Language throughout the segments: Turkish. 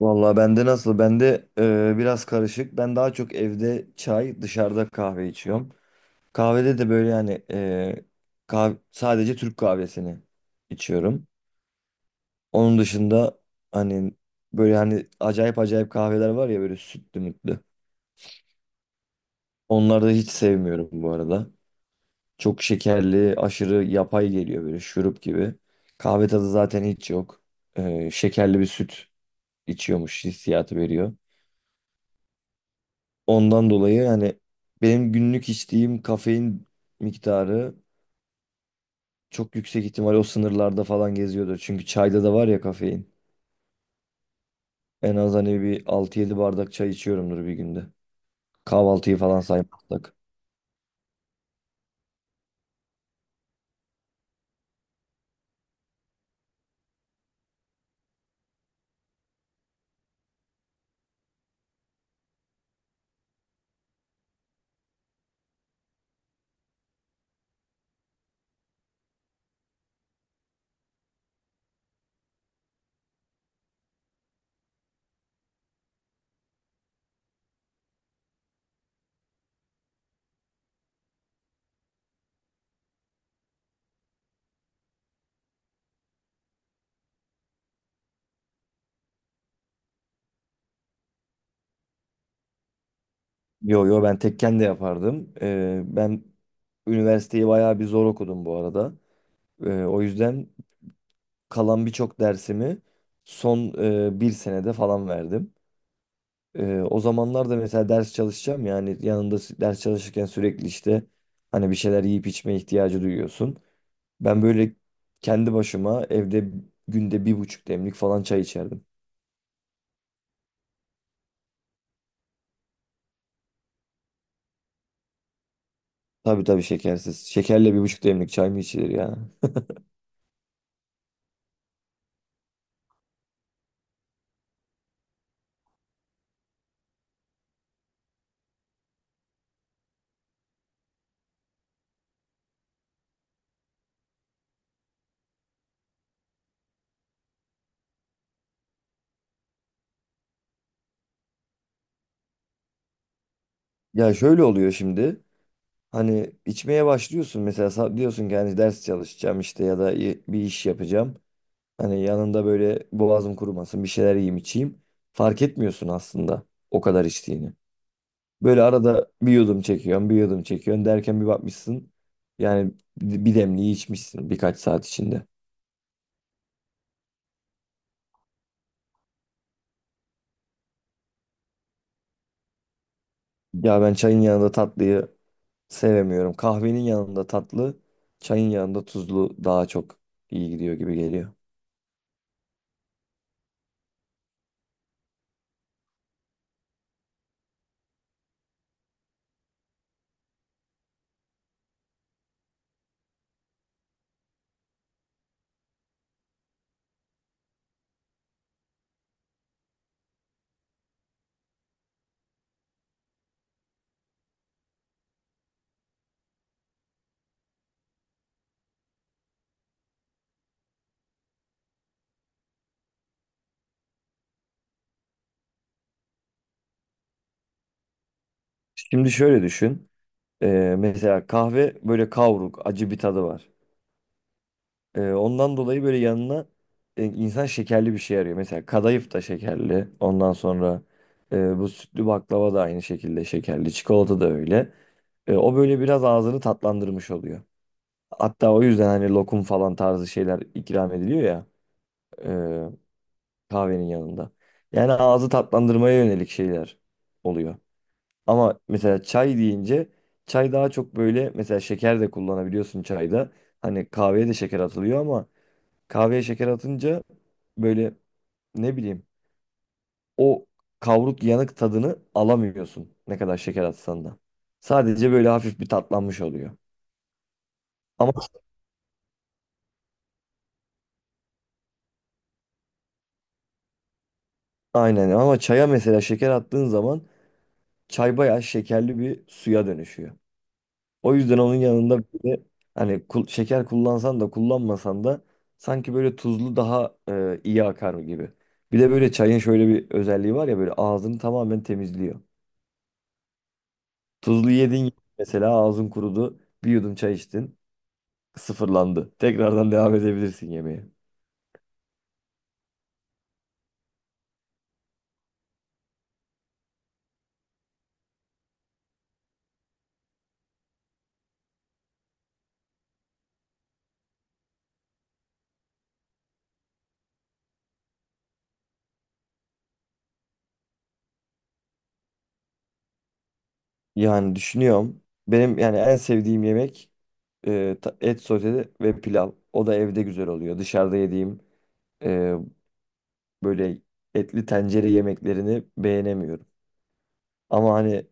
Vallahi bende nasıl? Bende biraz karışık. Ben daha çok evde çay, dışarıda kahve içiyorum. Kahvede de böyle yani sadece Türk kahvesini içiyorum. Onun dışında hani böyle hani acayip acayip kahveler var ya böyle sütlü mütlü. Onları da hiç sevmiyorum bu arada. Çok şekerli, aşırı yapay geliyor böyle şurup gibi. Kahve tadı zaten hiç yok. Şekerli bir süt içiyormuş hissiyatı veriyor. Ondan dolayı yani benim günlük içtiğim kafein miktarı çok yüksek ihtimal o sınırlarda falan geziyordur. Çünkü çayda da var ya kafein. En az hani bir altı yedi bardak çay içiyorumdur bir günde. Kahvaltıyı falan saymazsak. Yo, yo, ben tekken de yapardım. Ben üniversiteyi bayağı bir zor okudum bu arada. O yüzden kalan birçok dersimi son bir senede falan verdim. O zamanlar da mesela ders çalışacağım yani yanında ders çalışırken sürekli işte hani bir şeyler yiyip içme ihtiyacı duyuyorsun. Ben böyle kendi başıma evde günde 1,5 demlik falan çay içerdim. Tabii, tabii, şekersiz. Şekerle bir buçuk demlik çay mı içilir ya? Ya şöyle oluyor şimdi. Hani içmeye başlıyorsun mesela diyorsun ki hani ders çalışacağım işte ya da bir iş yapacağım. Hani yanında böyle boğazım kurumasın bir şeyler yiyeyim içeyim. Fark etmiyorsun aslında o kadar içtiğini. Böyle arada bir yudum çekiyorsun, bir yudum çekiyorsun derken bir bakmışsın. Yani bir demliği içmişsin birkaç saat içinde. Ya ben çayın yanında tatlıyı sevemiyorum. Kahvenin yanında tatlı, çayın yanında tuzlu daha çok iyi gidiyor gibi geliyor. Şimdi şöyle düşün. Mesela kahve böyle kavruk, acı bir tadı var. Ondan dolayı böyle yanına insan şekerli bir şey arıyor. Mesela kadayıf da şekerli. Ondan sonra bu sütlü baklava da aynı şekilde şekerli. Çikolata da öyle. O böyle biraz ağzını tatlandırmış oluyor. Hatta o yüzden hani lokum falan tarzı şeyler ikram ediliyor ya e, kahvenin yanında. Yani ağzı tatlandırmaya yönelik şeyler oluyor. Ama mesela çay deyince çay daha çok böyle mesela şeker de kullanabiliyorsun çayda. Hani kahveye de şeker atılıyor ama kahveye şeker atınca böyle ne bileyim o kavruk yanık tadını alamıyorsun ne kadar şeker atsan da. Sadece böyle hafif bir tatlanmış oluyor. Aynen ama çaya mesela şeker attığın zaman çay bayağı şekerli bir suya dönüşüyor. O yüzden onun yanında bir de hani şeker kullansan da kullanmasan da sanki böyle tuzlu daha iyi akar gibi. Bir de böyle çayın şöyle bir özelliği var ya böyle ağzını tamamen temizliyor. Tuzlu yedin mesela ağzın kurudu bir yudum çay içtin. Sıfırlandı. Tekrardan devam edebilirsin yemeğe. Yani düşünüyorum. Benim yani en sevdiğim yemek et sote ve pilav. O da evde güzel oluyor. Dışarıda yediğim e, böyle etli tencere yemeklerini beğenemiyorum. Ama hani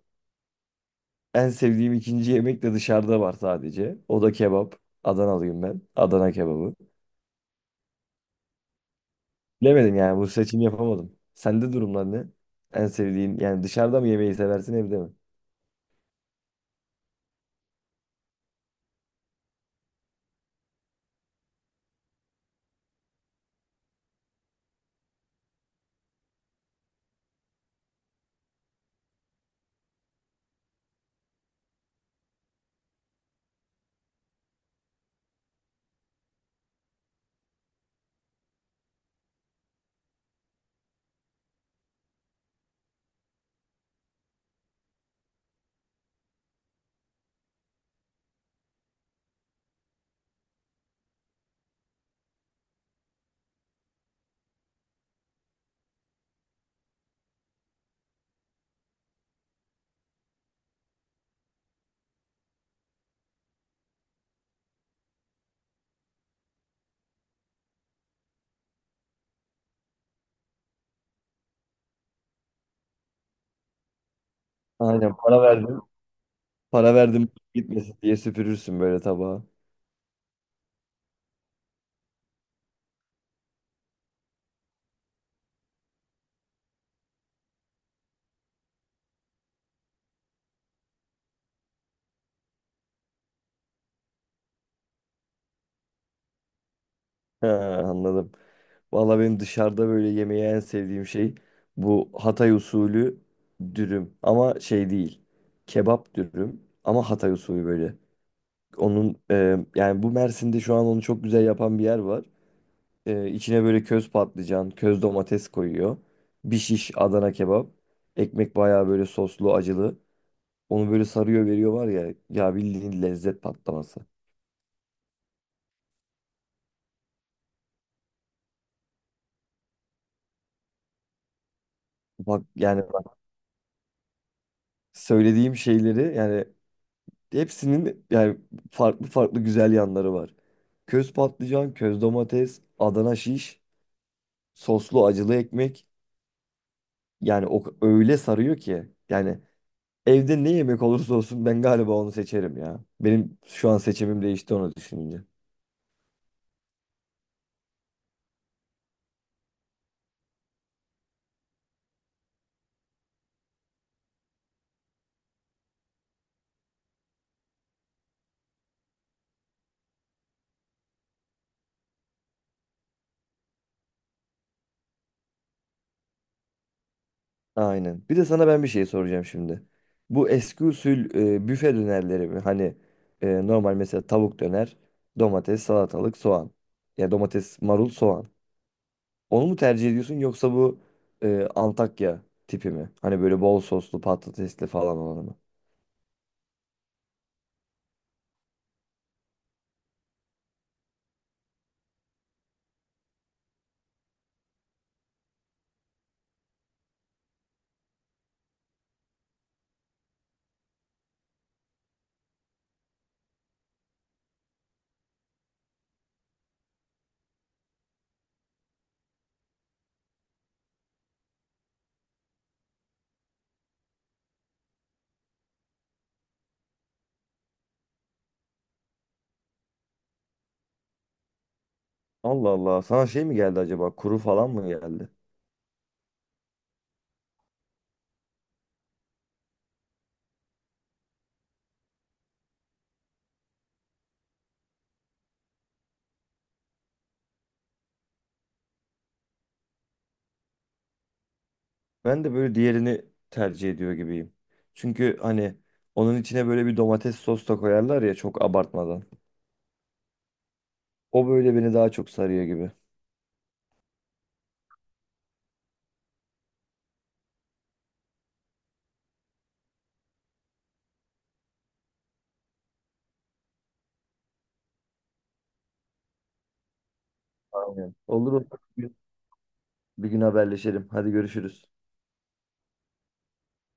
en sevdiğim ikinci yemek de dışarıda var sadece. O da kebap. Adanalıyım ben. Adana kebabı. Bilemedim yani bu seçim yapamadım. Sende durumlar ne? En sevdiğin yani dışarıda mı yemeği seversin evde mi? Aynen para verdim. Para verdim gitmesin diye süpürürsün böyle tabağı. Ha, anladım. Valla benim dışarıda böyle yemeği en sevdiğim şey bu Hatay usulü dürüm. Ama şey değil. Kebap dürüm ama Hatay usulü böyle. Onun yani bu Mersin'de şu an onu çok güzel yapan bir yer var. E, içine böyle köz patlıcan, köz domates koyuyor. Bir şiş Adana kebap. Ekmek bayağı böyle soslu, acılı. Onu böyle sarıyor veriyor var ya. Ya bildiğin lezzet patlaması. Bak yani bak, söylediğim şeyleri yani hepsinin yani farklı farklı güzel yanları var. Köz patlıcan, köz domates, Adana şiş, soslu acılı ekmek. Yani o öyle sarıyor ki yani evde ne yemek olursa olsun ben galiba onu seçerim ya. Benim şu an seçimim değişti onu düşününce. Aynen. Bir de sana ben bir şey soracağım şimdi. Bu eski usul büfe dönerleri mi? Hani normal mesela tavuk döner, domates, salatalık, soğan. Ya domates, marul, soğan. Onu mu tercih ediyorsun yoksa bu Antakya tipi mi? Hani böyle bol soslu, patatesli falan olanı mı? Allah Allah. Sana şey mi geldi acaba? Kuru falan mı geldi? Ben de böyle diğerini tercih ediyor gibiyim. Çünkü hani onun içine böyle bir domates sos da koyarlar ya çok abartmadan. O böyle beni daha çok sarıyor gibi. Aynen. Olur, olur. Bir gün bir gün haberleşelim. Hadi görüşürüz.